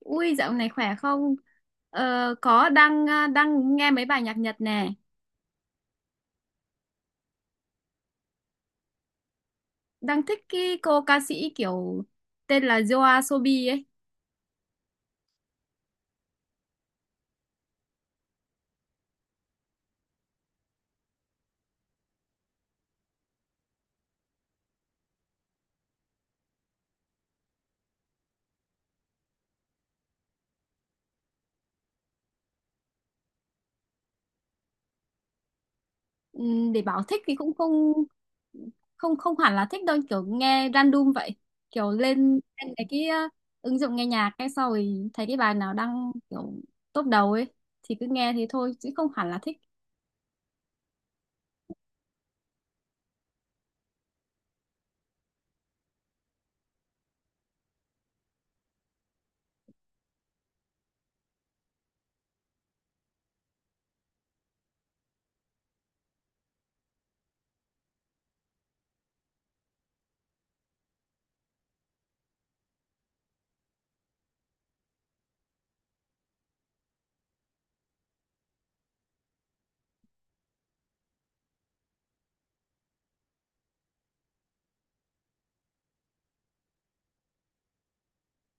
Ui, dạo này khỏe không? Ờ, có đang nghe mấy bài nhạc Nhật nè, đang thích cái cô ca sĩ kiểu tên là Yoasobi Sobi ấy. Để bảo thích thì cũng không không không hẳn là thích đâu, kiểu nghe random vậy. Kiểu lên lên ứng dụng nghe nhạc cái sau rồi thấy cái bài nào đang kiểu top đầu ấy thì cứ nghe thế thôi chứ không hẳn là thích.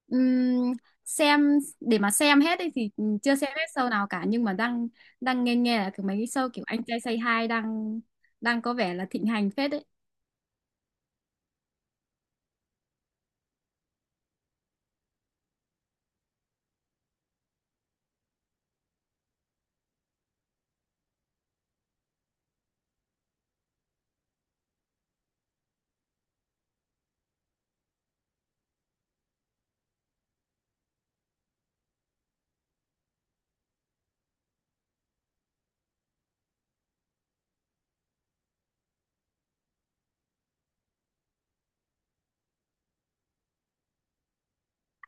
Ừm, xem để mà xem hết ấy thì chưa xem hết show nào cả, nhưng mà đang đang nghe nghe là mấy cái show kiểu Anh Trai Say Hi đang đang có vẻ là thịnh hành phết đấy.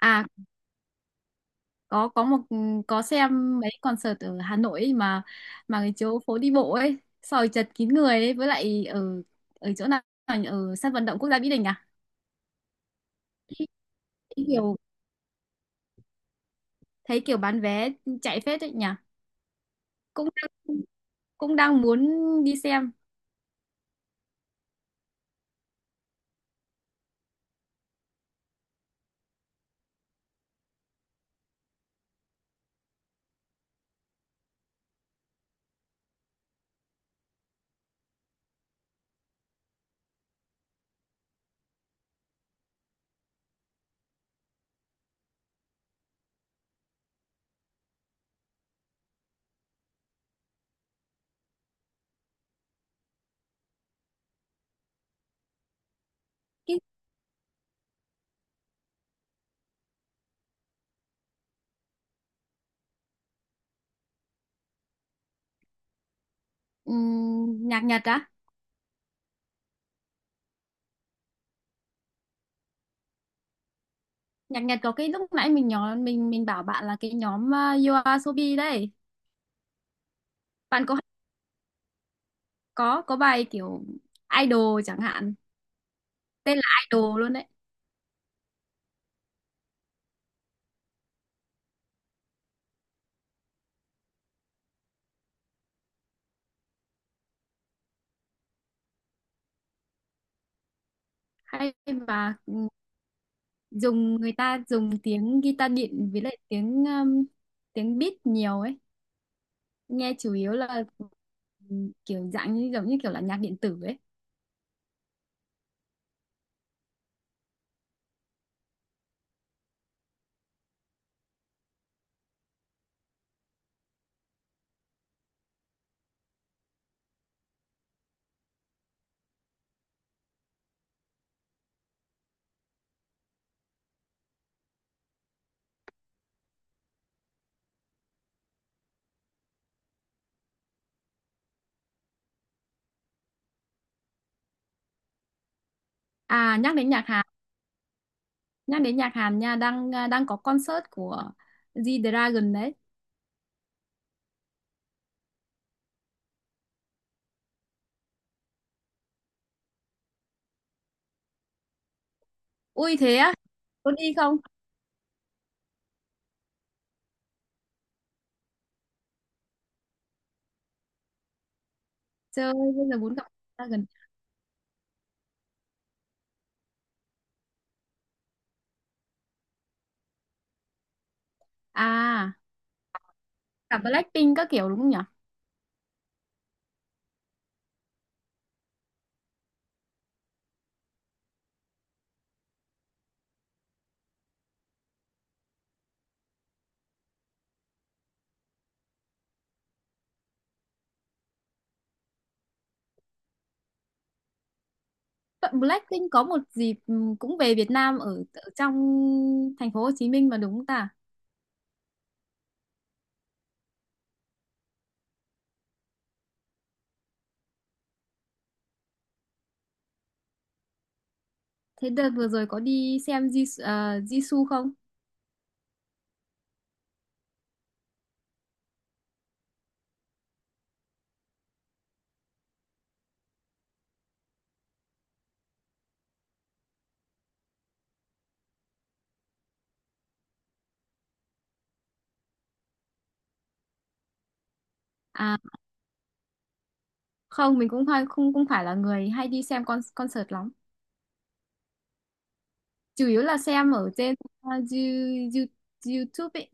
À, có có một có xem mấy concert ở Hà Nội ấy, mà cái chỗ phố đi bộ ấy, sòi chật kín người ấy, với lại ở ở chỗ nào nhỉ? Ở sân vận động quốc gia Mỹ Đình à? Thấy kiểu Thấy kiểu bán vé chạy phết đấy nhỉ. Cũng đang, Cũng đang muốn đi xem. Cái nhạc Nhật á? Nhạc Nhật có cái lúc nãy mình nhỏ mình bảo bạn là cái nhóm You Are Sobi đấy. Bạn có bài kiểu idol chẳng hạn, tên là idol luôn đấy. Hay và người ta dùng tiếng guitar điện, với lại tiếng tiếng beat nhiều ấy. Nghe chủ yếu là ừ, kiểu dạng như giống như kiểu là nhạc điện tử ấy. À, nhắc đến nhạc Hàn, nhắc đến nhạc Hàn nha, đang có concert của G-Dragon đấy. Ui thế á, có đi không? Chơi bây giờ muốn gặp dragon à, cả Blackpink các kiểu đúng không nhỉ? Vậy Blackpink có một dịp cũng về Việt Nam, ở trong thành phố Hồ Chí Minh mà đúng không ta? Thế đợt vừa rồi có đi xem Jisoo không? À không, mình cũng hay không cũng phải là người hay đi xem con concert lắm, chủ yếu là xem ở trên ờ, You- You- YouTube ấy.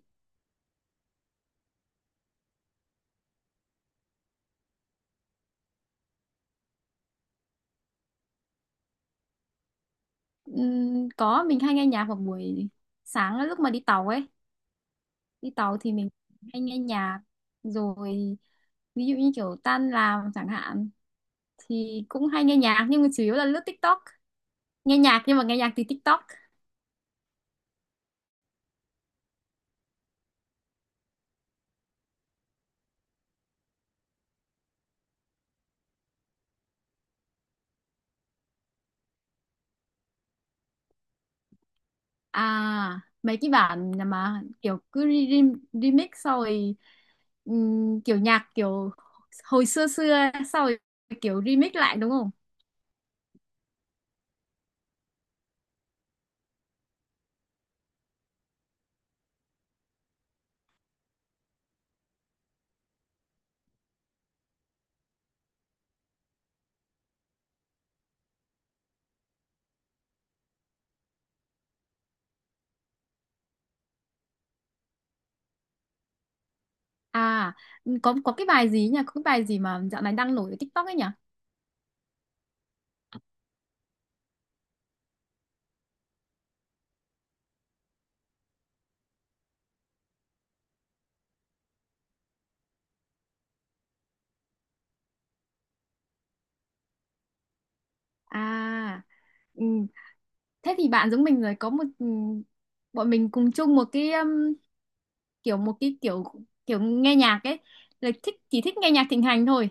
Có, mình hay nghe nhạc vào buổi sáng lúc mà đi tàu ấy, đi tàu thì mình hay nghe nhạc. Rồi ví dụ như kiểu tan làm chẳng hạn thì cũng hay nghe nhạc, nhưng mà chủ yếu là lướt TikTok nghe nhạc, nhưng mà nghe nhạc từ TikTok. À, mấy cái bản mà kiểu cứ remix sau rồi kiểu nhạc kiểu hồi xưa xưa sau rồi kiểu remix lại đúng không? À, có cái bài gì nhỉ, có cái bài gì mà dạo này đang nổi ở TikTok ấy nhỉ? À ừm, thế thì bạn giống mình rồi, có một bọn mình cùng chung một cái kiểu, kiểu nghe nhạc ấy, là thích chỉ thích nghe nhạc thịnh hành thôi.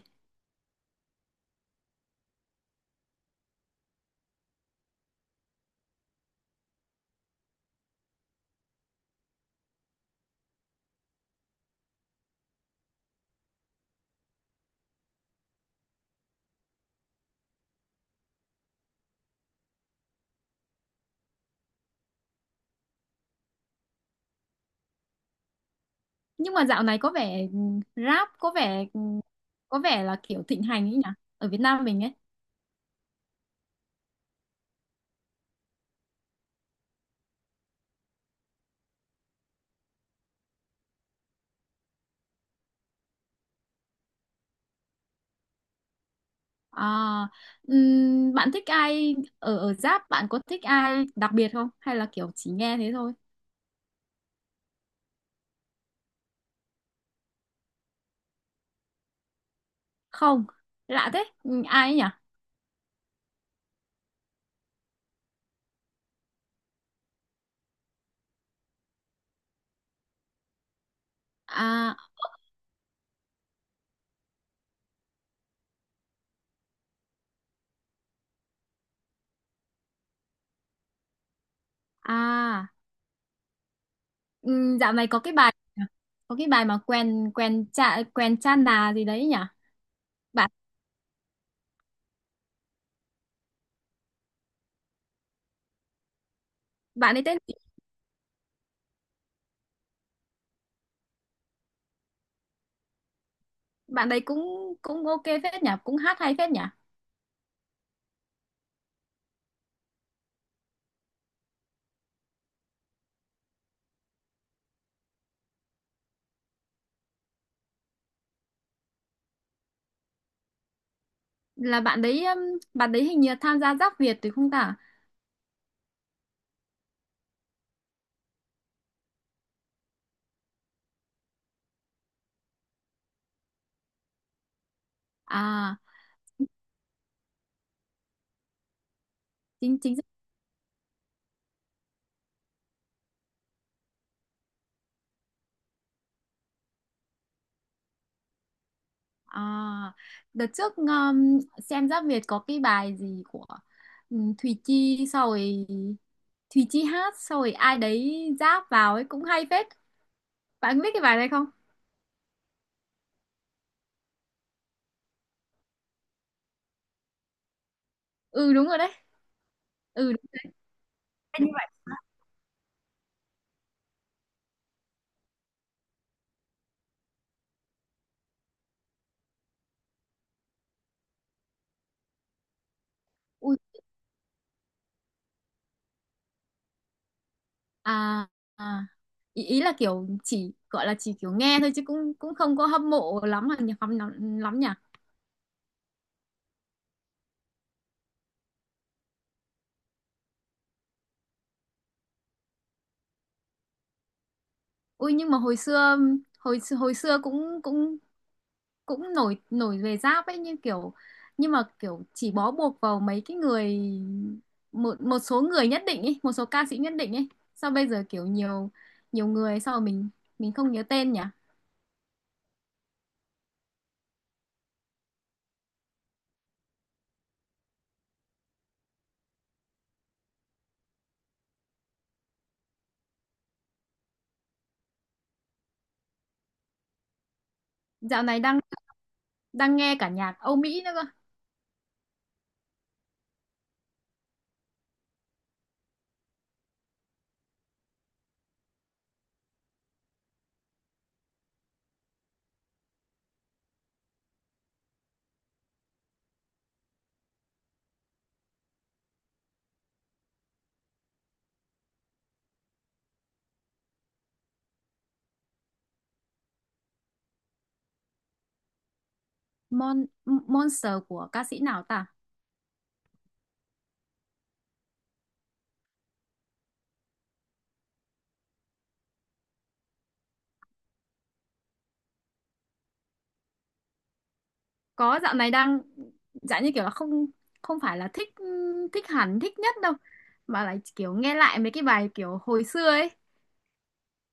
Nhưng mà dạo này có vẻ rap có vẻ, có vẻ là kiểu thịnh hành ấy nhỉ, ở Việt Nam mình ấy. À, bạn thích ai ở ở rap, bạn có thích ai đặc biệt không hay là kiểu chỉ nghe thế thôi? Không, lạ thế. Ai ấy nhỉ? À à dạo này có cái bài mà quen quen cha nà gì đấy nhỉ? Bạn, bạn ấy tên gì? Bạn đấy cũng cũng ok phết nhỉ, cũng hát hay phết nhỉ. Là bạn đấy hình như tham gia Giáp Việt thì không ta? À, chính chính à, đợt trước xem Giáp Việt có cái bài gì của Thùy Chi sau rồi Thùy Chi hát sau rồi ai đấy ráp vào ấy cũng hay phết. Bạn biết cái bài này không? Ừ đúng rồi đấy, ừ đúng rồi. Nhưng mà Ui, à, à, ý, ý là kiểu chỉ gọi là chỉ kiểu nghe thôi chứ cũng cũng không có hâm mộ lắm là lắm lắm lắm nhỉ. Ui nhưng mà hồi xưa, hồi hồi xưa cũng cũng cũng nổi, nổi về giáp ấy, như kiểu nhưng mà kiểu chỉ bó buộc vào mấy cái người, một một số người nhất định ấy, một số ca sĩ nhất định ấy. Sao bây giờ kiểu nhiều nhiều người sao mà mình không nhớ tên nhỉ? Dạo này đang đang nghe cả nhạc Âu Mỹ nữa cơ. Mon Monster của ca sĩ nào ta? Có, dạo này đang dạng như kiểu là không, không phải là thích thích hẳn thích nhất đâu, mà lại kiểu nghe lại mấy cái bài kiểu hồi xưa ấy,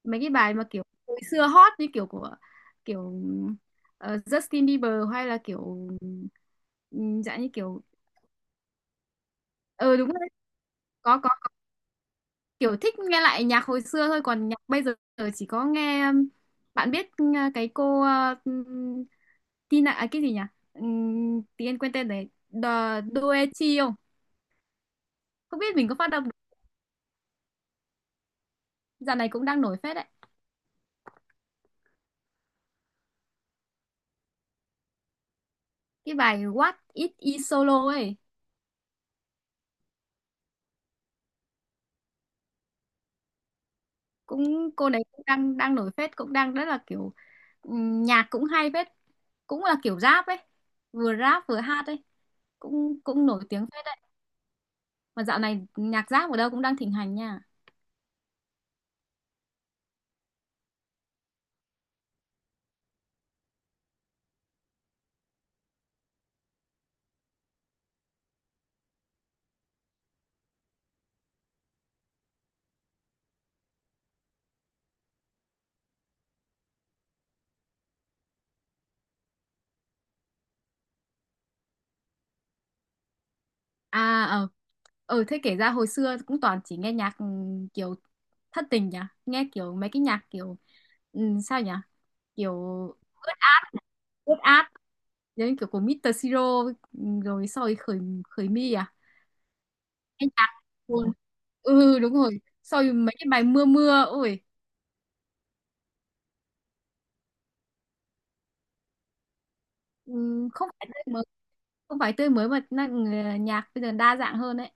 mấy cái bài mà kiểu hồi xưa hot, như kiểu của kiểu Justin Bieber hay là kiểu dạng như kiểu ờ đúng rồi, có. Kiểu thích nghe lại nhạc hồi xưa thôi, còn nhạc bây giờ chỉ có nghe bạn biết cái cô Tina à, cái gì nhỉ, tí em quên tên đấy, The Doechi không, không biết mình có phát âm được. Dạo này cũng đang nổi phết đấy, cái bài What It Is Solo ấy, cũng cô đấy cũng đang đang nổi phết, cũng đang rất là kiểu nhạc cũng hay phết, cũng là kiểu rap ấy, vừa rap vừa hát ấy, cũng cũng nổi tiếng phết đấy. Mà dạo này nhạc rap ở đâu cũng đang thịnh hành nha. À, ờ, ờ, thế kể ra hồi xưa cũng toàn chỉ nghe nhạc kiểu thất tình nhỉ, nghe kiểu mấy cái nhạc kiểu sao nhỉ, kiểu ướt át, ướt át giống như kiểu của Mr. Siro, rồi soi khởi, khởi mi à. Cái nhạc buồn. Ừ đúng rồi. Sau rồi mấy cái bài mưa mưa ôi, ừm, không phải tươi mới, không phải tươi mới mà nhạc bây giờ đa dạng hơn đấy.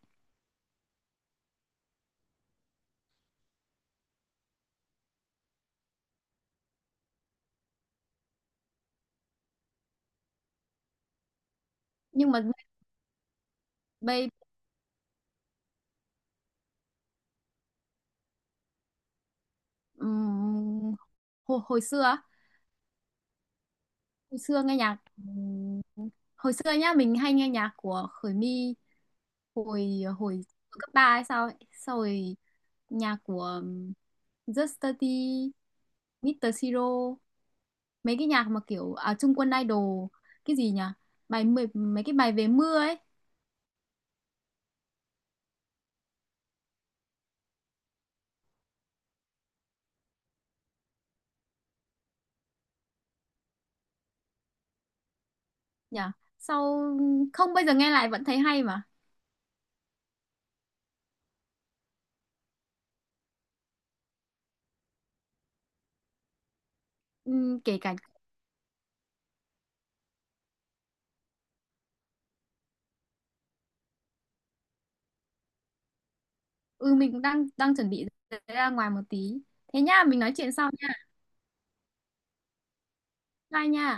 Nhưng mà bây ừm, hồi xưa á, hồi xưa nghe nhạc ừm, hồi xưa nhá, mình hay nghe nhạc của Khởi My hồi hồi cấp 3 hay sao ấy. Sau rồi nhạc của Just Study, Mr. Siro, mấy cái nhạc mà kiểu à, Trung Quân Idol, cái gì nhỉ, bài mười mấy cái bài về mưa ấy nhỉ. Sau không bây giờ nghe lại vẫn thấy hay mà. Ừ, kể cả ừ, mình cũng đang đang chuẩn bị ra ngoài một tí, thế nha, mình nói chuyện sau nha, bye nha.